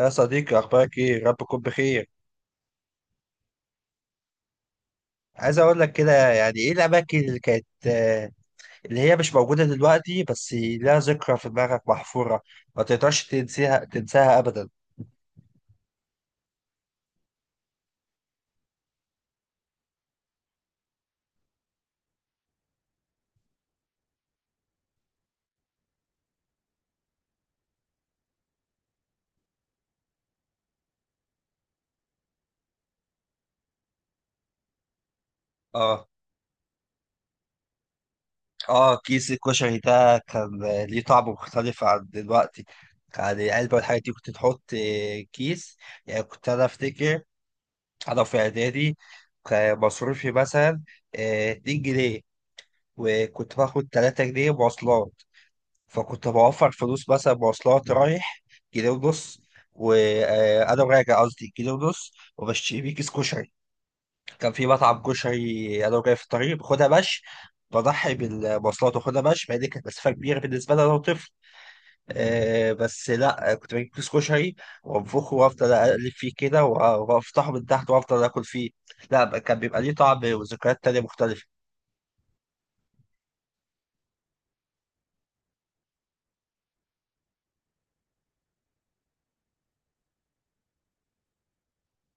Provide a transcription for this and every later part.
يا صديقي، اخبارك ايه؟ ربكم بخير؟ عايز اقول لك كده، يعني ايه الاماكن اللي كانت اللي هي مش موجوده دلوقتي، بس لها ذكرى في دماغك محفوره، ما تقدرش تنسيها، تنساها ابدا. اه، اه، كيس الكشري ده كان ليه طعم مختلف عن دلوقتي. يعني علبه والحاجات دي كنت تحط كيس. يعني كنت انا افتكر. انا في اعدادي كان مصروفي مثلا 2 جنيه، وكنت باخد 3 جنيه مواصلات. فكنت بوفر فلوس، مثلا مواصلات رايح كيلو ونص، وانا راجع قصدي كيلو ونص، وبشتري بيه كيس كشري. كان في مطعم كشري انا وجاي في الطريق باخدها مشي، بضحي بالمواصلات واخدها مشي، مع ان كانت مسافه كبيره بالنسبه لي انا وطفل. بس لا، كنت بجيب كيس كشري وانفخه، وافضل اقلب فيه كده، وافتحه من تحت، وافضل اكل فيه. لا كان بيبقى ليه طعم وذكريات تانية مختلفه.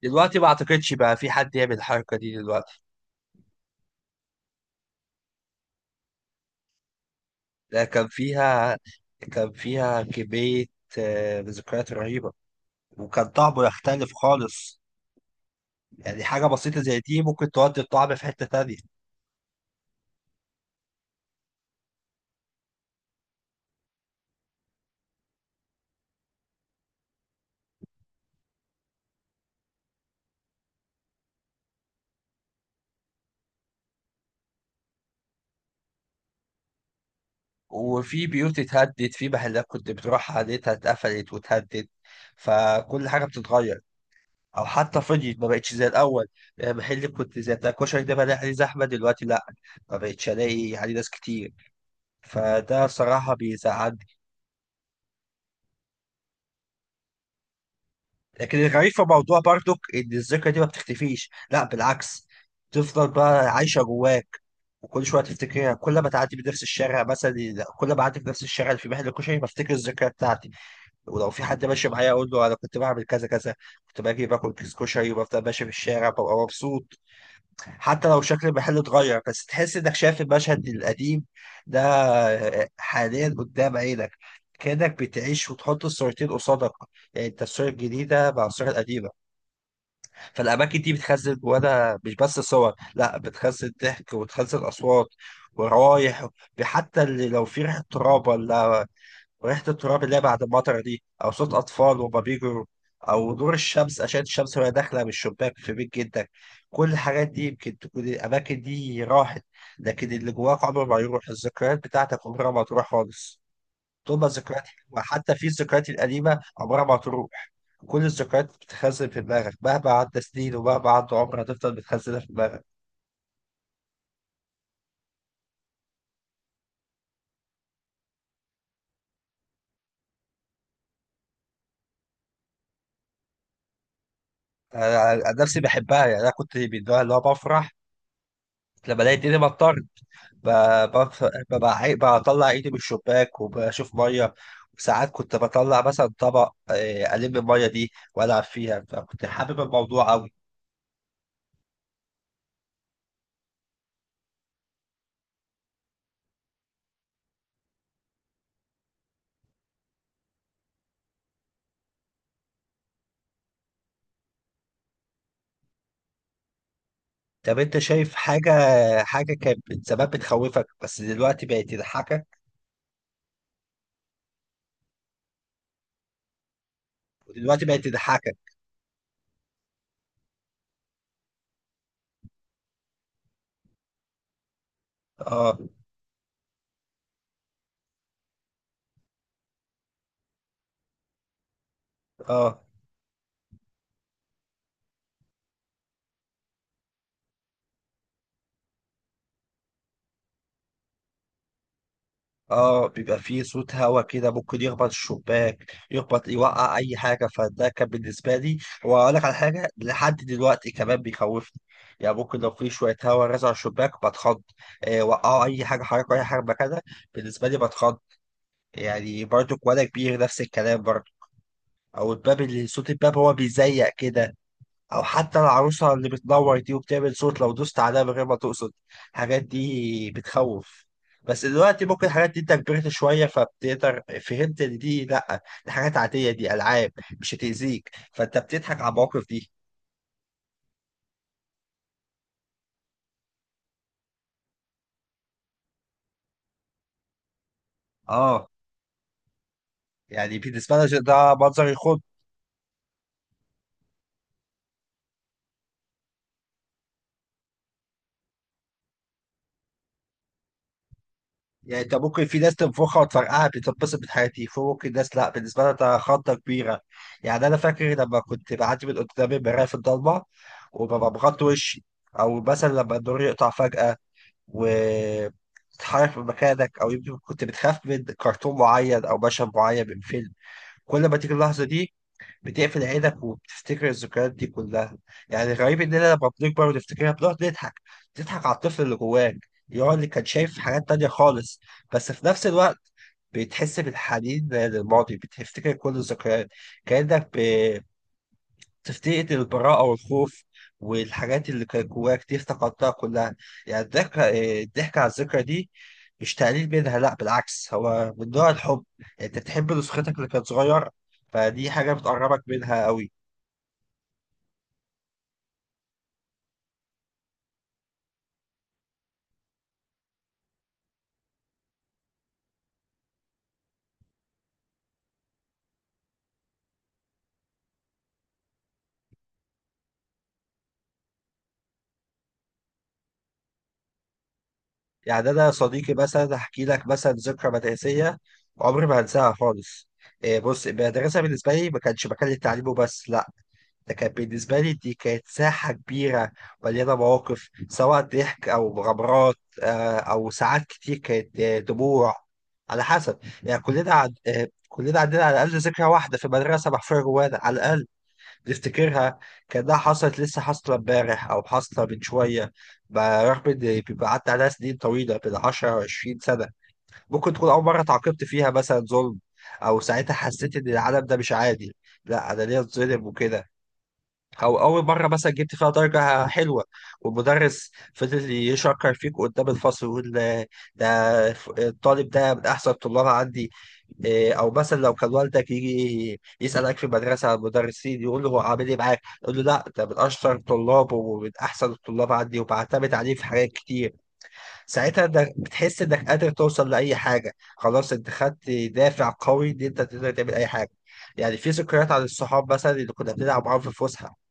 دلوقتي ما اعتقدش بقى في حد يعمل الحركه دي دلوقتي. لا، كان فيها كمية، ذكريات رهيبة. وكان طعمه يختلف خالص. يعني حاجة بسيطة زي دي ممكن تودي الطعم في حتة تانية. وفي بيوت اتهدت، في محلات كنت بتروح عليها اتقفلت واتهدت، فكل حاجة بتتغير، أو حتى فضيت، ما بقتش زي الأول. يعني محل كنت زي بتاع الكشري ده، بلاقي عليه زحمة دلوقتي لأ، ما بقتش ألاقي عليه ناس كتير، فده صراحة بيزعل. لكن الغريب في الموضوع برضك ان الذكرى دي ما بتختفيش، لا بالعكس، تفضل بقى عايشه جواك، وكل شويه تفتكرها. كل ما تعدي بنفس الشارع مثلا، كل ما اعدي بنفس الشارع اللي في محل كشري، بفتكر الذكرى بتاعتي، ولو في حد ماشي معايا اقول له انا كنت بعمل كذا كذا. كنت باجي باكل كيس كشري وبفضل ماشي في الشارع، ببقى مبسوط. حتى لو شكل المحل اتغير، بس تحس انك شايف المشهد القديم ده حاليا قدام عينك. كأنك بتعيش وتحط الصورتين قصادك، يعني انت الصورة الجديدة مع الصورة القديمة. فالاماكن دي بتخزن جواها مش بس صور، لا بتخزن ضحك وتخزن اصوات ورايح. حتى اللي لو في ريحه تراب، ولا ريحه التراب اللي هي بعد المطره دي، او صوت اطفال وهما بيجروا، او نور الشمس، اشعه الشمس وهي داخله من الشباك في بيت جدك. كل الحاجات دي يمكن تكون الاماكن دي راحت، لكن اللي جواك عمره ما يروح. الذكريات بتاعتك عمرها ما تروح خالص، تبقى ذكريات حلوة. حتى في الذكريات القديمة عمرها ما هتروح. كل الذكريات بتتخزن في دماغك مهما عدى سنين ومهما عدى عمر، هتفضل بتخزنها في دماغك. أنا عن نفسي بحبها. يعني أنا كنت من النوع اللي هو بفرح لما الاقي الدنيا مطرت. ب- بف- بطلع ايدي من الشباك وبشوف ميه. وساعات كنت بطلع مثلا طبق الميه دي والعب فيها، فكنت حابب الموضوع قوي. طب انت شايف حاجه، حاجه كانت زمان بتخوفك بس دلوقتي بقت تضحكك ودلوقتي بقت تضحك؟ اه، اه، اه، بيبقى فيه صوت هوا كده ممكن يخبط الشباك، يخبط، يوقع اي حاجه، فده كان بالنسبه لي. واقول لك على حاجه لحد دلوقتي كمان بيخوفني. يعني ممكن لو في شويه هوا رزع على الشباك بتخض. آه، وقعوا اي حاجه، حركوا اي حاجه مكانها، بالنسبه لي بتخض. يعني برضو وانا كبير نفس الكلام برضو. او الباب، اللي صوت الباب هو بيزيق كده، او حتى العروسه اللي بتنور دي وبتعمل صوت لو دوست عليها من غير ما تقصد. الحاجات دي بتخوف. بس دلوقتي ممكن الحاجات دي انت كبرت شويه فبتقدر فهمت ان دي، لا دي حاجات عاديه، دي العاب مش هتاذيك، فانت بتضحك على المواقف دي. اه، يعني بالنسبه لنا ده منظر يخض. يعني انت ممكن في ناس تنفخها وتفرقعها بتتبسط من حياتي، في ممكن ناس لا بالنسبه لها ده خضه كبيره. يعني انا فاكر لما كنت بعدي من قدام المرايه في الضلمه وببقى مغطي وشي، او مثلا لما النور يقطع فجاه وتتحرك من مكانك، او يمكن كنت بتخاف من كرتون معين او مشهد معين من فيلم. كل ما تيجي اللحظه دي بتقفل عينك وبتفتكر الذكريات دي كلها. يعني الغريب اننا لما بنكبر ونفتكرها بنقعد نضحك. تضحك على الطفل اللي جواك، يقعد اللي كان شايف حاجات تانية خالص. بس في نفس الوقت بتحس بالحنين للماضي، بتفتكر كل الذكريات، كأنك بتفتقد البراءة والخوف، والحاجات اللي كانت جواك دي افتقدتها كلها. يعني الضحك، الضحك على الذكرى دي مش تقليل منها، لا بالعكس، هو من نوع الحب. يعني انت بتحب نسختك اللي كانت صغيرة، فدي حاجة بتقربك منها قوي. يعني انا صديقي مثلا هحكي لك مثلا ذكرى مدرسيه عمري ما هنساها خالص. إيه، بص، المدرسه بالنسبه لي ما كانش مكان للتعليم وبس، لا ده كان بالنسبه لي، دي كانت ساحه كبيره مليانه مواقف، سواء ضحك او مغامرات، او ساعات كتير كانت دموع. على حسب، يعني كلنا عندنا على الاقل ذكرى واحده في المدرسه محفوره جوانا على الاقل، تفتكرها كأنها حصلت لسه، حاصلة امبارح أو حاصلة من شوية، برغم إن بيبقى عدى عليها سنين طويلة بين 10 و 20 سنة. ممكن تكون أول مرة تعاقبت فيها، مثلا ظلم، أو ساعتها حسيت إن العالم ده مش عادي، لا أنا ليه اتظلم وكده. او اول مره مثلا جبت فيها درجه حلوه، والمدرس فضل يشكر فيك قدام الفصل ويقول: الطالب ده من احسن الطلاب عندي. إيه، او مثلا لو كان والدك يجي يسالك في المدرسه على المدرسين يقول له هو عامل ايه معاك، يقول له لا، ده من اشطر الطلاب ومن احسن الطلاب عندي، وبعتمد عليه في حاجات كتير. ساعتها انك بتحس انك قادر توصل لاي حاجه، خلاص انت خدت دافع قوي ان انت تقدر تعمل اي حاجه. يعني في ذكريات عن الصحاب مثلا اللي كنا بنلعب معاهم في الفسحه،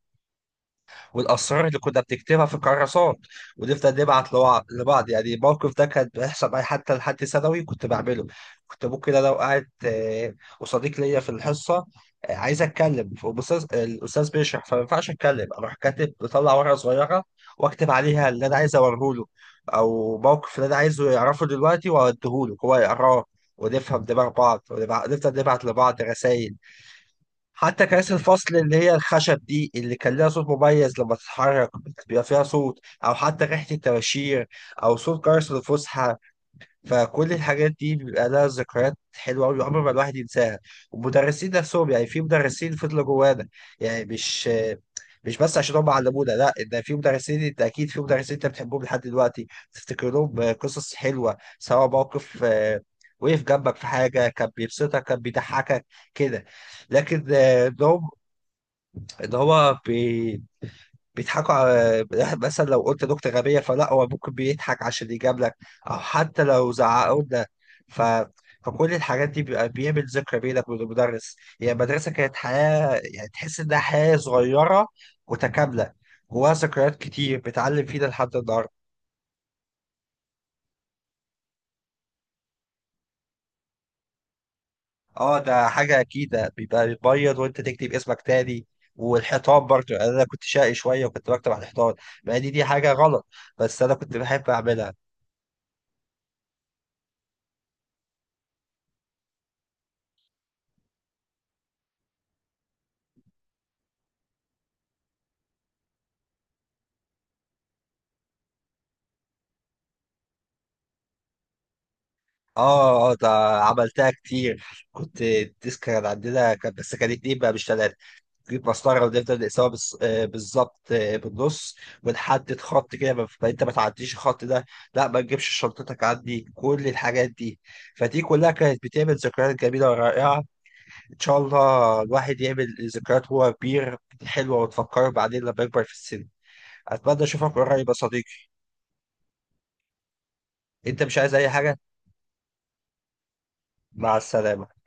والاسرار اللي كنا بنكتبها في الكراسات ونفضل نبعت لبعض. يعني الموقف ده كان بيحصل معايا حتى لحد ثانوي كنت بعمله. كنت ممكن انا وقعت وصديق ليا في الحصه، عايز اتكلم والاستاذ بيشرح، فما ينفعش اتكلم، اروح كاتب، بطلع ورقه صغيره واكتب عليها اللي انا عايز اوريه له، او موقف اللي انا عايزه يعرفه دلوقتي، واديهوله هو يقراه ونفهم دماغ بعض، نفضل نبعت لبعض رسائل. حتى كراسي الفصل اللي هي الخشب دي اللي كان لها صوت مميز لما تتحرك، بيبقى فيها صوت، او حتى ريحة الطباشير، او صوت جرس الفسحة. فكل الحاجات دي بيبقى لها ذكريات حلوة أوي عمر ما الواحد ينساها. والمدرسين نفسهم، يعني في مدرسين فضلوا جوانا. يعني مش بس عشان هم علمونا، لا ده في مدرسين، انت اكيد في مدرسين انت بتحبهم لحد دلوقتي، تفتكر لهم قصص حلوة، سواء موقف وقف جنبك في حاجة كان بيبسطك، كان بيضحكك كده. لكن آه، ده ان هو بي... بيضحكوا على، مثلا لو قلت نكتة غبية فلا هو ممكن بيضحك عشان يجاب لك، او حتى لو زعقوا لنا. ف... فكل الحاجات دي بيبقى بيعمل ذكرى بينك وبين المدرس. يعني المدرسة كانت حياة، يعني تحس انها حياة صغيرة متكاملة، جواها ذكريات كتير بتعلم فينا لحد النهاردة. اه، ده حاجة أكيد، ده بيبقى بيبيض وأنت تكتب اسمك تاني. والحيطان برضه، يعني أنا كنت شقي شوية وكنت بكتب على الحيطان، مع إن دي حاجة غلط بس أنا كنت بحب أعملها. اه، اه، ده عملتها كتير. كنت الديسك كانت عندنا، كان بس كان اتنين بقى مش تلاته. نجيب مسطره ونفضل نقسمها بالظبط، بالنص، ونحدد خط كده، ما انت ما تعديش الخط ده، لا ما تجيبش شنطتك عندي. كل الحاجات دي فدي كلها كانت بتعمل ذكريات جميله ورائعه. ان شاء الله الواحد يعمل ذكريات وهو كبير، حلوه وتفكره بعدين لما يكبر في السن. اتمنى اشوفك قريب يا صديقي. انت مش عايز اي حاجه؟ مع السلامه.